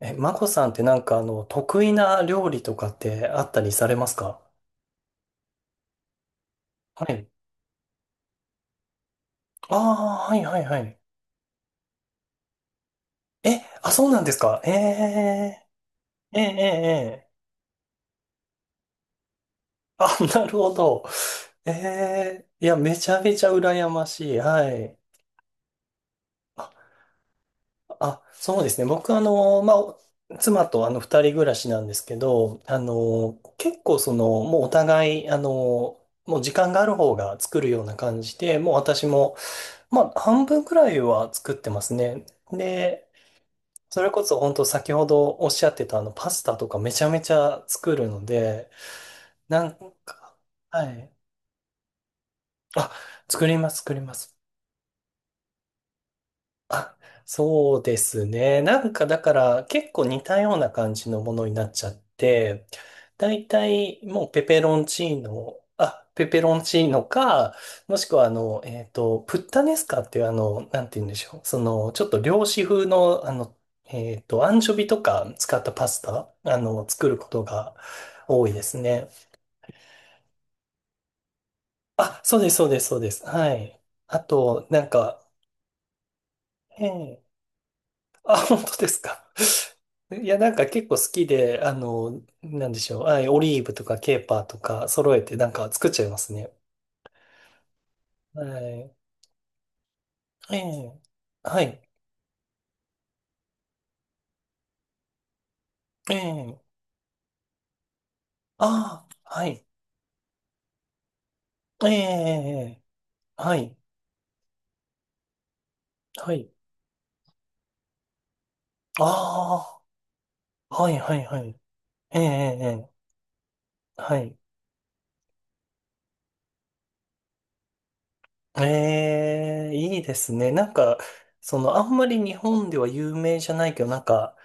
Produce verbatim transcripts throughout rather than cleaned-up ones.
え、マコさんってなんかあの、得意な料理とかってあったりされますか？はい。ああ、はいはいはい。え、あ、そうなんですか。ええ、ええ、ええ、あ、なるほど。ええ、いや、めちゃめちゃ羨ましい。はい。あ、あ、そうですね。僕あの、まあ、妻とあの、二人暮らしなんですけど、あの、結構その、もうお互い、あの、もう時間がある方が作るような感じで、もう私も、まあ、半分くらいは作ってますね。で、それこそ本当先ほどおっしゃってたあのパスタとかめちゃめちゃ作るので、なんか、はい。あ、作ります、作ります。あ、そうですね。なんかだから結構似たような感じのものになっちゃって、だいたいもうペペロンチーノ、あ、ペペロンチーノか、もしくはあの、えっと、プッタネスカっていうあの、なんて言うんでしょう。その、ちょっと漁師風のあの、えっと、アンチョビとか使ったパスタ、あの、作ることが多いですね。あ、そうです、そうです、そうです。はい。あと、なんか、ええ、あ、本当ですか。いや、なんか結構好きで、あの、なんでしょう。はい、オリーブとかケーパーとか揃えてなんか作っちゃいますね。はい。ええ。はい。ええ。ああ、はい。ええ。はい。はい。ああ、はい、はい、はい。ええ、ええ、はい。ええ、いいですね。なんか、その、あんまり日本では有名じゃないけどなんか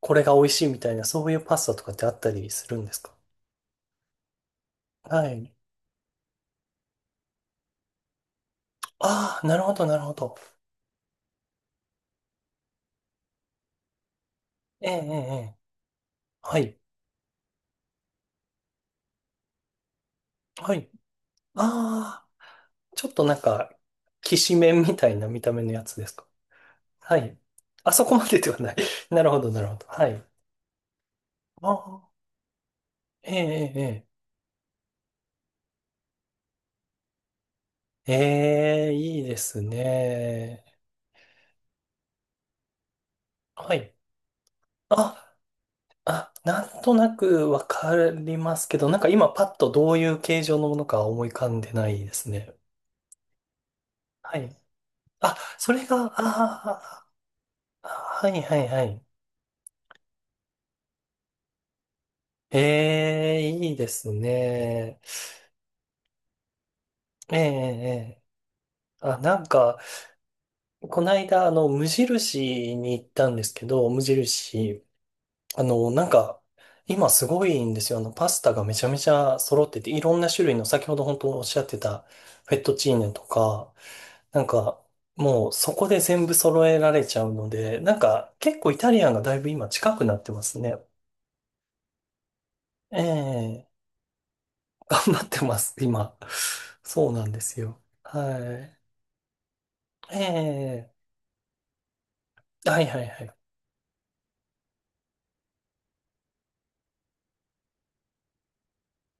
これが美味しいみたいなそういうパスタとかってあったりするんですか？はい、ああ、なるほど、なるほど。ええ、ええ、ええ、はい、はい。ああ、ちょっとなんか、きしめんみたいな見た目のやつですか？はい。あそこまでではない。なるほど、なるほど。はい。ああ、ええ、ええ、ええ、ええ、いいですね。はい。あ、あ、なんとなくわかりますけど、なんか今パッとどういう形状のものか思い浮かんでないですね。はい。あ、それが、ああ、あ、はい、はい、はい。ええ、いいですね。ええ、ええ。あ、なんか、この間、あの、無印に行ったんですけど、無印、あの、なんか、今すごいんですよ。あの、パスタがめちゃめちゃ揃ってて、いろんな種類の、先ほど本当おっしゃってた、フェットチーネとか、なんか、もうそこで全部揃えられちゃうので、なんか、結構イタリアンがだいぶ今近くなってますね。ええ、頑張ってます、今。そうなんですよ。はい。ええ、はいはいはい。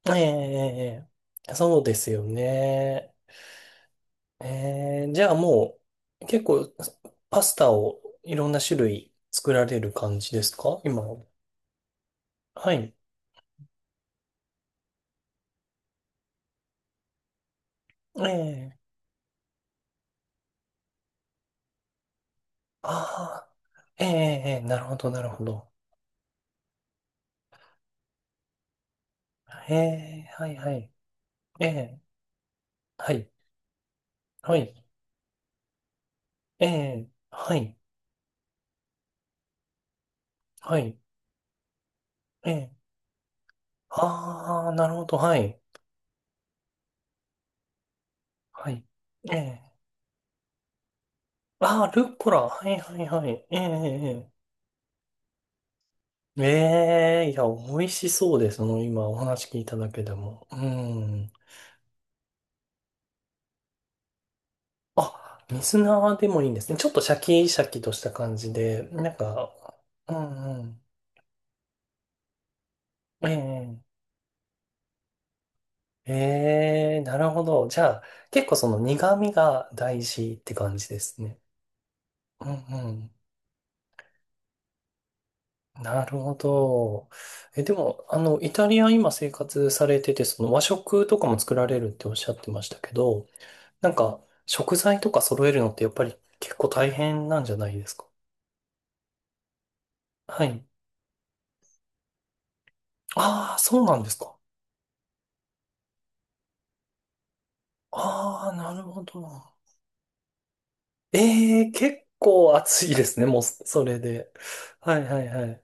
ええ、そうですよね。ええ、じゃあもう、結構、パスタをいろんな種類作られる感じですか今は？はい。ええ、ああ、ええ、ええ、なるほどなるほど。ええ、はいはい。ええ、はい。はい。ええ、はい。はい。ええ、ああー、なるほど。はい。はい。ええ、ああ、ルッコラ。はいはいはい。ええ、ええ、ええ、いや、美味しそうです。その今お話聞いただけでも。うん。あ、水菜でもいいんですね。ちょっとシャキシャキとした感じで、なんか、うんうん。ええ、ええ、なるほど。じゃあ、結構その苦味が大事って感じですね。うんうん。なるほど。え、でも、あの、イタリア今生活されてて、その和食とかも作られるっておっしゃってましたけど、なんか、食材とか揃えるのってやっぱり結構大変なんじゃないですか？はい。ああ、そうなんですか。ああ、なるほど。ええ、結構暑いですね、もう、それで。はいはいはい。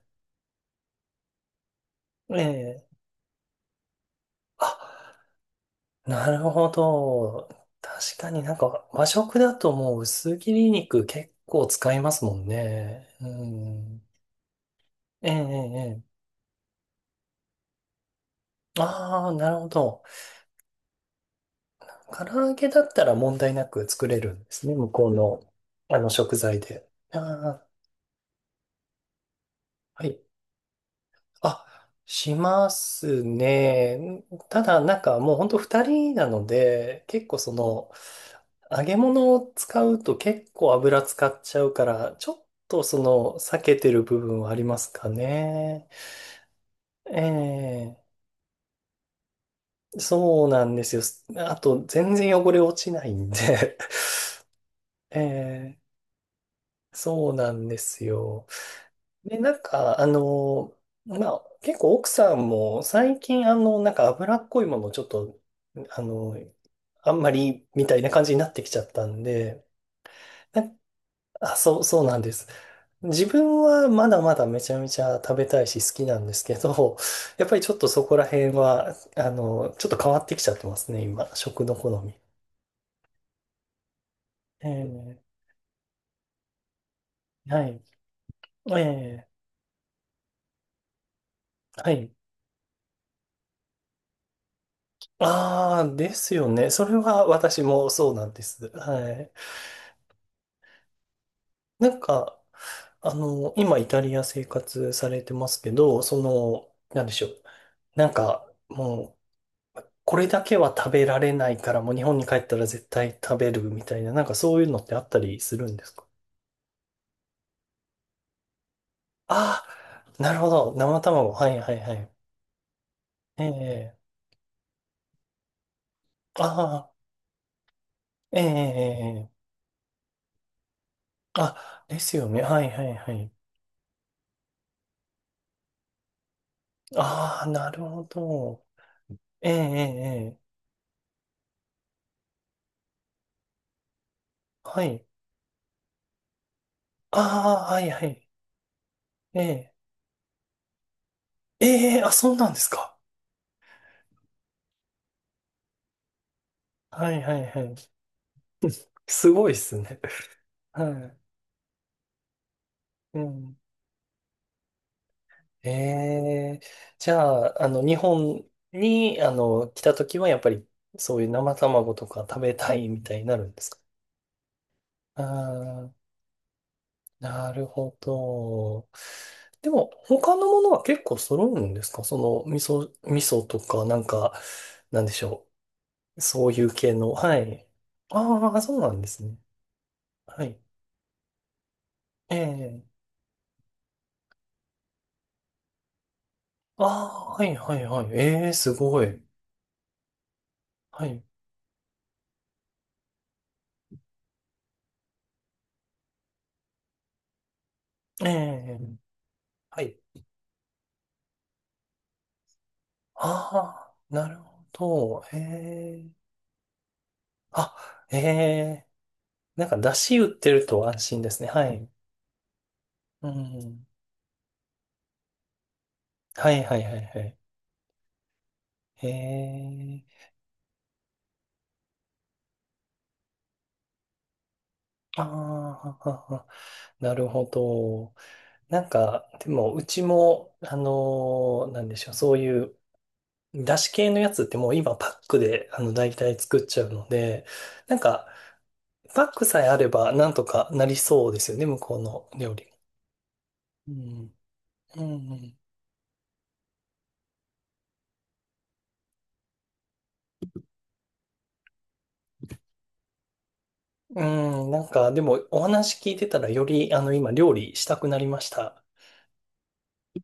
ええ。あ、なるほど。確かになんか和食だともう薄切り肉結構使いますもんね。うん。ええ、ええ。ああー、なるほど。唐揚げだったら問題なく作れるんですね。向こうの、あの食材で。ああ、はい。あ、しますね。ただ、なんかもう本当二人なので、結構その、揚げ物を使うと結構油使っちゃうから、ちょっとその、避けてる部分はありますかね。ええ、そうなんですよ。あと、全然汚れ落ちないんで ええ、そうなんですよ。で、なんか、あの、まあ、結構奥さんも最近、あの、なんか脂っこいものをちょっと、あの、あんまりみたいな感じになってきちゃったんで、な、あ、そう、そうなんです。自分はまだまだめちゃめちゃ食べたいし好きなんですけど、やっぱりちょっとそこら辺は、あの、ちょっと変わってきちゃってますね、今、食の好み。ええ、はい。ええ、はい。ああ、ですよね。それは私もそうなんです。はい。なんか、あの、今イタリア生活されてますけど、その、なんでしょう。なんか、もう、これだけは食べられないから、もう日本に帰ったら絶対食べるみたいな、なんかそういうのってあったりするんですか？ああー、なるほど。生卵。はいはいはい。ええ、ああー、ええ、ええ、ええ、あ、ですよね。はいはいはい。ああ、なるほど。ええ、ええ、ええ、はい。ああ、はいはい。ええ、ええ、あ、そうなんですか。はいはいはい。すごいっすね。はい。うん。ええ、じゃあ、あの、日本に、あの、来た時は、やっぱり、そういう生卵とか食べたいみたいになるんですか？ああ、なるほど。でも、他のものは結構揃うんですか、その、味噌、味噌とか、なんか、なんでしょう。そういう系の、はい。ああ、そうなんですね。はい。ええ、ああ、はい、はい、はい。ええ、すごい。はい。ええ、はい。ああ、なるほど。へえ。あ、へえ。なんか、出汁売ってると安心ですね。はい。うん。はいはいはいはい。へえ。ああ、はは、は、なるほど。なんか、でも、うちも、あのーなんでしょう、そういう、出汁系のやつってもう今パックで、あの、大体作っちゃうので、なんか、パックさえあれば、なんとかなりそうですよね、向こうの料理。うん。うんうん、うん、なんか、でも、お話聞いてたら、より、あの、今、料理したくなりました。